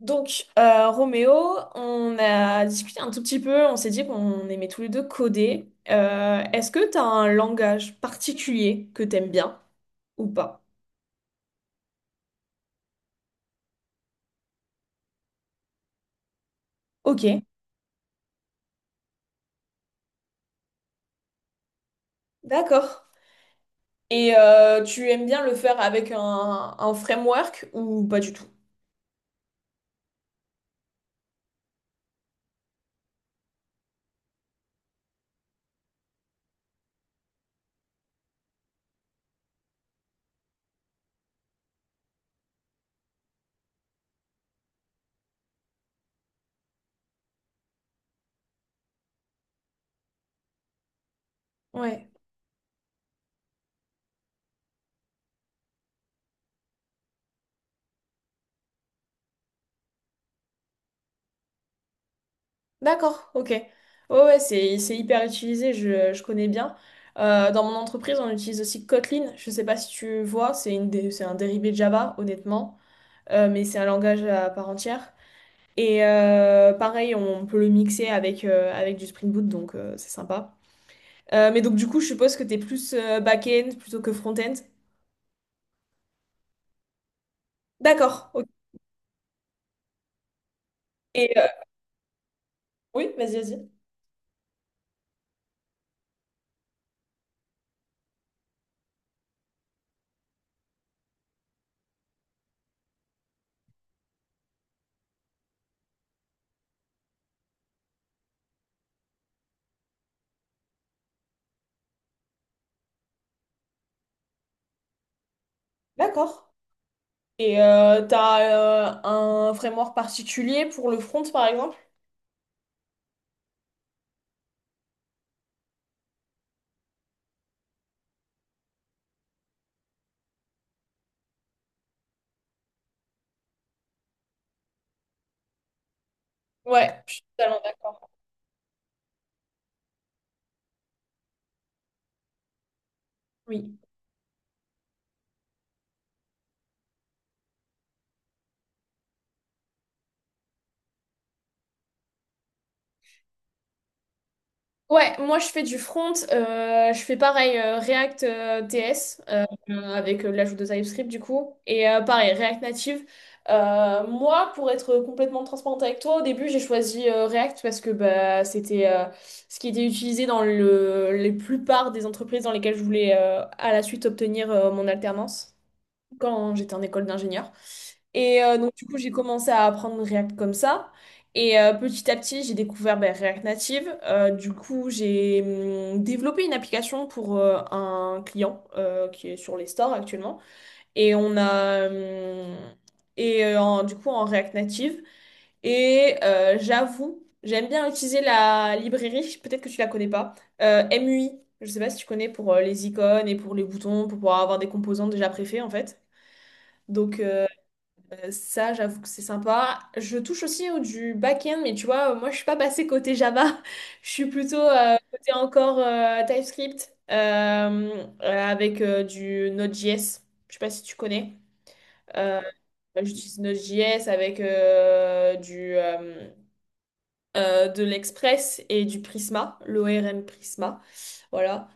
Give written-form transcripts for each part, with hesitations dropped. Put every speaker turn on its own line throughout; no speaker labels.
Donc, Roméo, on a discuté un tout petit peu, on s'est dit qu'on aimait tous les deux coder. Est-ce que tu as un langage particulier que t'aimes bien ou pas? Ok. D'accord. Et tu aimes bien le faire avec un framework ou pas du tout? Ouais. D'accord, ok. Ouais, ouais, c'est hyper utilisé, je connais bien. Dans mon entreprise, on utilise aussi Kotlin. Je sais pas si tu vois, c'est un dérivé de Java, honnêtement. Mais c'est un langage à part entière. Et pareil, on peut le mixer avec, avec du Spring Boot, donc c'est sympa. Mais donc du coup, je suppose que t'es plus back-end plutôt que front-end. D'accord. Ok. Et oui, vas-y, vas-y. D'accord. Et t'as un framework particulier pour le front, par exemple? Ouais, je suis totalement d'accord. Oui. Ouais, moi je fais du front, je fais pareil React TS avec l'ajout de TypeScript du coup, et pareil React Native. Moi, pour être complètement transparente avec toi, au début j'ai choisi React parce que bah, c'était ce qui était utilisé dans les plupart des entreprises dans lesquelles je voulais à la suite obtenir mon alternance quand j'étais en école d'ingénieur. Et donc, du coup, j'ai commencé à apprendre React comme ça. Et petit à petit, j'ai découvert ben, React Native. Du coup, j'ai développé une application pour un client qui est sur les stores actuellement. Et on a. Et du coup, en React Native. Et j'avoue, j'aime bien utiliser la librairie, peut-être que tu la connais pas, MUI. Je sais pas si tu connais pour les icônes et pour les boutons, pour pouvoir avoir des composants déjà préfaits en fait. Donc ça, j'avoue que c'est sympa. Je touche du back-end, mais tu vois, moi, je suis pas passée côté Java. Je suis plutôt côté encore TypeScript avec du Node.js. Je sais pas si tu connais. Euh, J'utilise Node.js avec de l'Express et du Prisma, l'ORM Prisma. Voilà.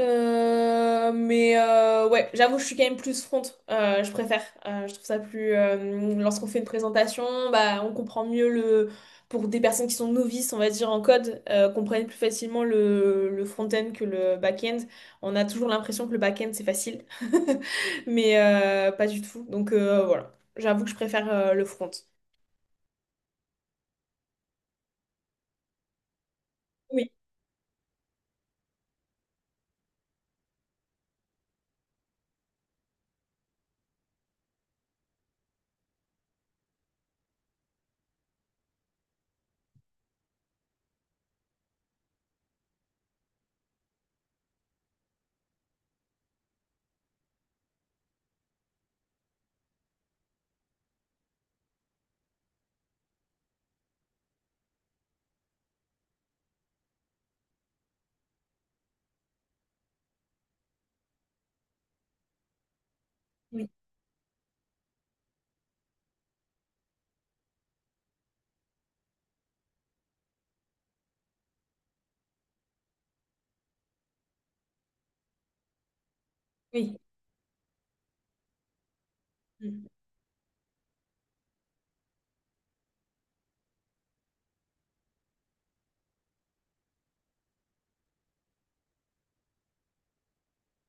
Ouais, j'avoue, je suis quand même plus front. Je préfère. Je trouve ça plus, lorsqu'on fait une présentation, bah, on comprend mieux le. Pour des personnes qui sont novices, on va dire en code, comprennent plus facilement le front-end que le back-end. On a toujours l'impression que le back-end c'est facile, mais pas du tout. Donc voilà, j'avoue que je préfère le front. Oui, oui, oui. Mm.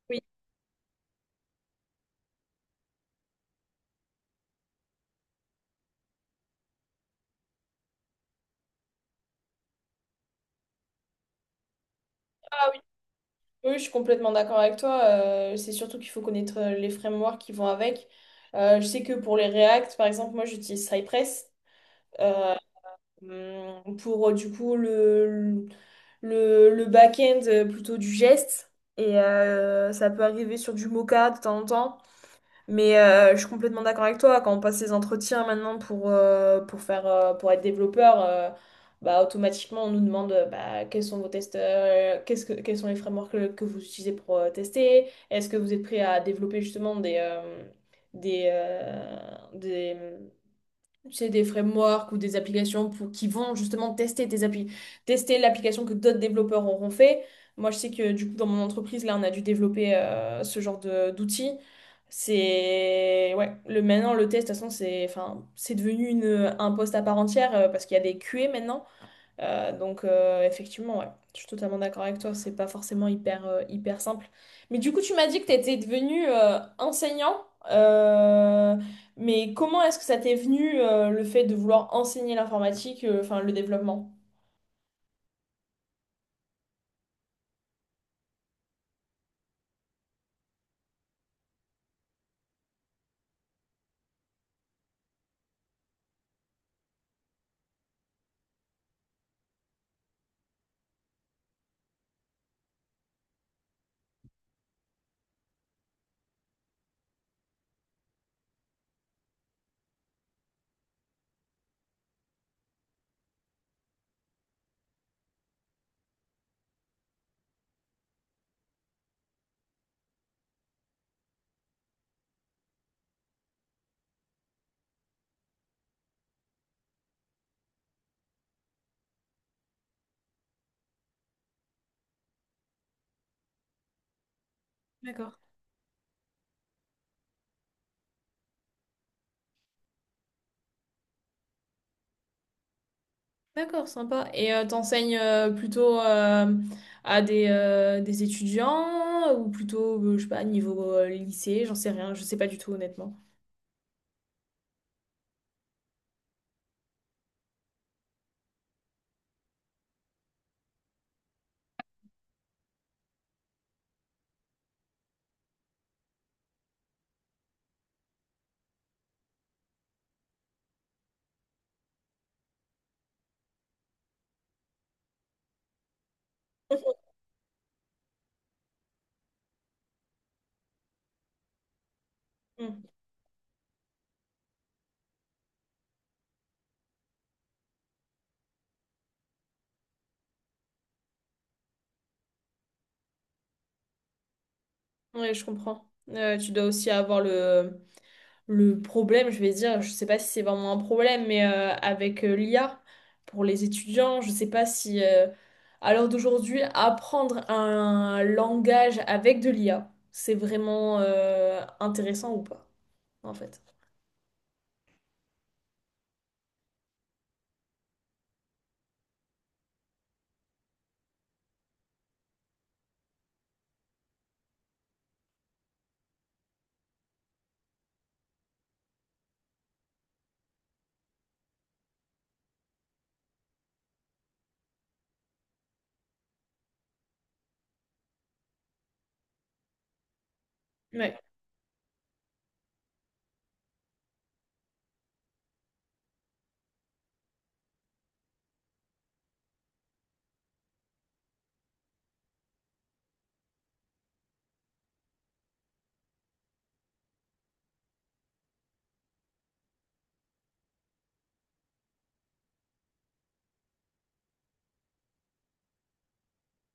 Oui. Oui, je suis complètement d'accord avec toi. C'est surtout qu'il faut connaître les frameworks qui vont avec. Je sais que pour les React, par exemple, moi j'utilise Cypress euh, pour du coup le back-end plutôt du geste. Et ça peut arriver sur du Mocha de temps en temps. Mais je suis complètement d'accord avec toi. Quand on passe les entretiens maintenant pour faire, pour être développeur, bah, automatiquement, on nous demande bah, quels sont vos tests, qu'est-ce que, quels sont les frameworks que vous utilisez pour tester. Est-ce que vous êtes prêt à développer justement des, des, euh, des, c'est des frameworks ou des applications pour, qui vont justement tester l'application que d'autres développeurs auront fait. Moi, je sais que du coup, dans mon entreprise, là, on a dû développer ce genre de d'outils. C'est ouais, le maintenant le test, de toute façon, c'est devenu un poste à part entière parce qu'il y a des QA maintenant. Effectivement, ouais, je suis totalement d'accord avec toi, c'est pas forcément hyper, hyper simple. Mais du coup, tu m'as dit que tu étais devenu enseignant, mais comment est-ce que ça t'est venu le fait de vouloir enseigner l'informatique, enfin le développement? D'accord, d'accord, sympa. Et t'enseignes plutôt à des étudiants ou plutôt, je sais pas, niveau lycée, j'en sais rien, je sais pas du tout honnêtement. Hmm. Ouais, je comprends. Tu dois aussi avoir le problème, je vais dire, je sais pas si c'est vraiment un problème, mais avec l'IA pour les étudiants, je sais pas si à l'heure d'aujourd'hui, apprendre un langage avec de l'IA, c'est vraiment intéressant ou pas, en fait. Ouais,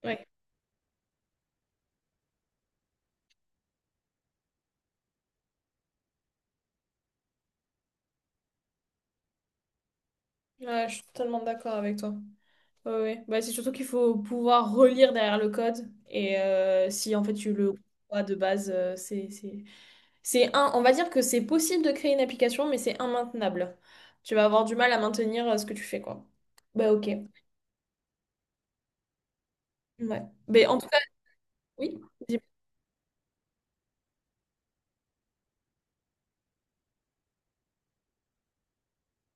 ouais, ouais, je suis totalement d'accord avec toi. Ouais, ouais. Bah, c'est surtout qu'il faut pouvoir relire derrière le code et si en fait tu le comprends pas de base, c'est un, on va dire que c'est possible de créer une application, mais c'est immaintenable. Tu vas avoir du mal à maintenir ce que tu fais, quoi. Bah ok. Ouais. Mais en tout cas, oui.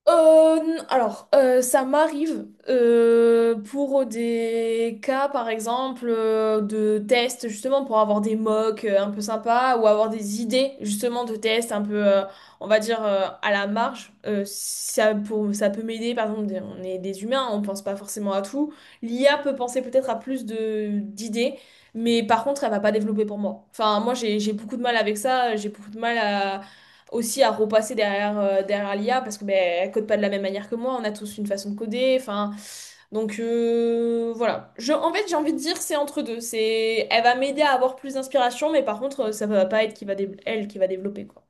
Alors, ça m'arrive pour des cas, par exemple, de tests, justement, pour avoir des mocks un peu sympas ou avoir des idées, justement, de tests un peu, on va dire, à la marge. Ça, pour, ça peut m'aider, par exemple, on est des humains, on pense pas forcément à tout. L'IA peut penser peut-être à plus de d'idées, mais par contre, elle va pas développer pour moi. Enfin, moi, j'ai beaucoup de mal avec ça, j'ai beaucoup de mal à aussi à repasser derrière, derrière l'IA parce que ben, elle code pas de la même manière que moi, on a tous une façon de coder, enfin donc voilà. En fait, j'ai envie de dire c'est entre deux, c'est elle va m'aider à avoir plus d'inspiration mais par contre ça va pas être qui va elle qui va développer quoi.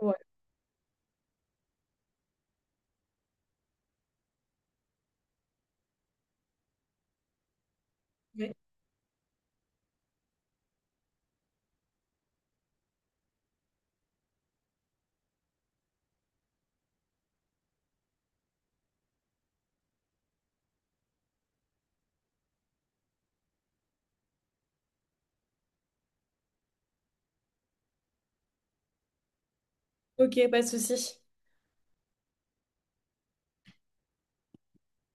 Ouais. Ouais. Ok, pas de souci.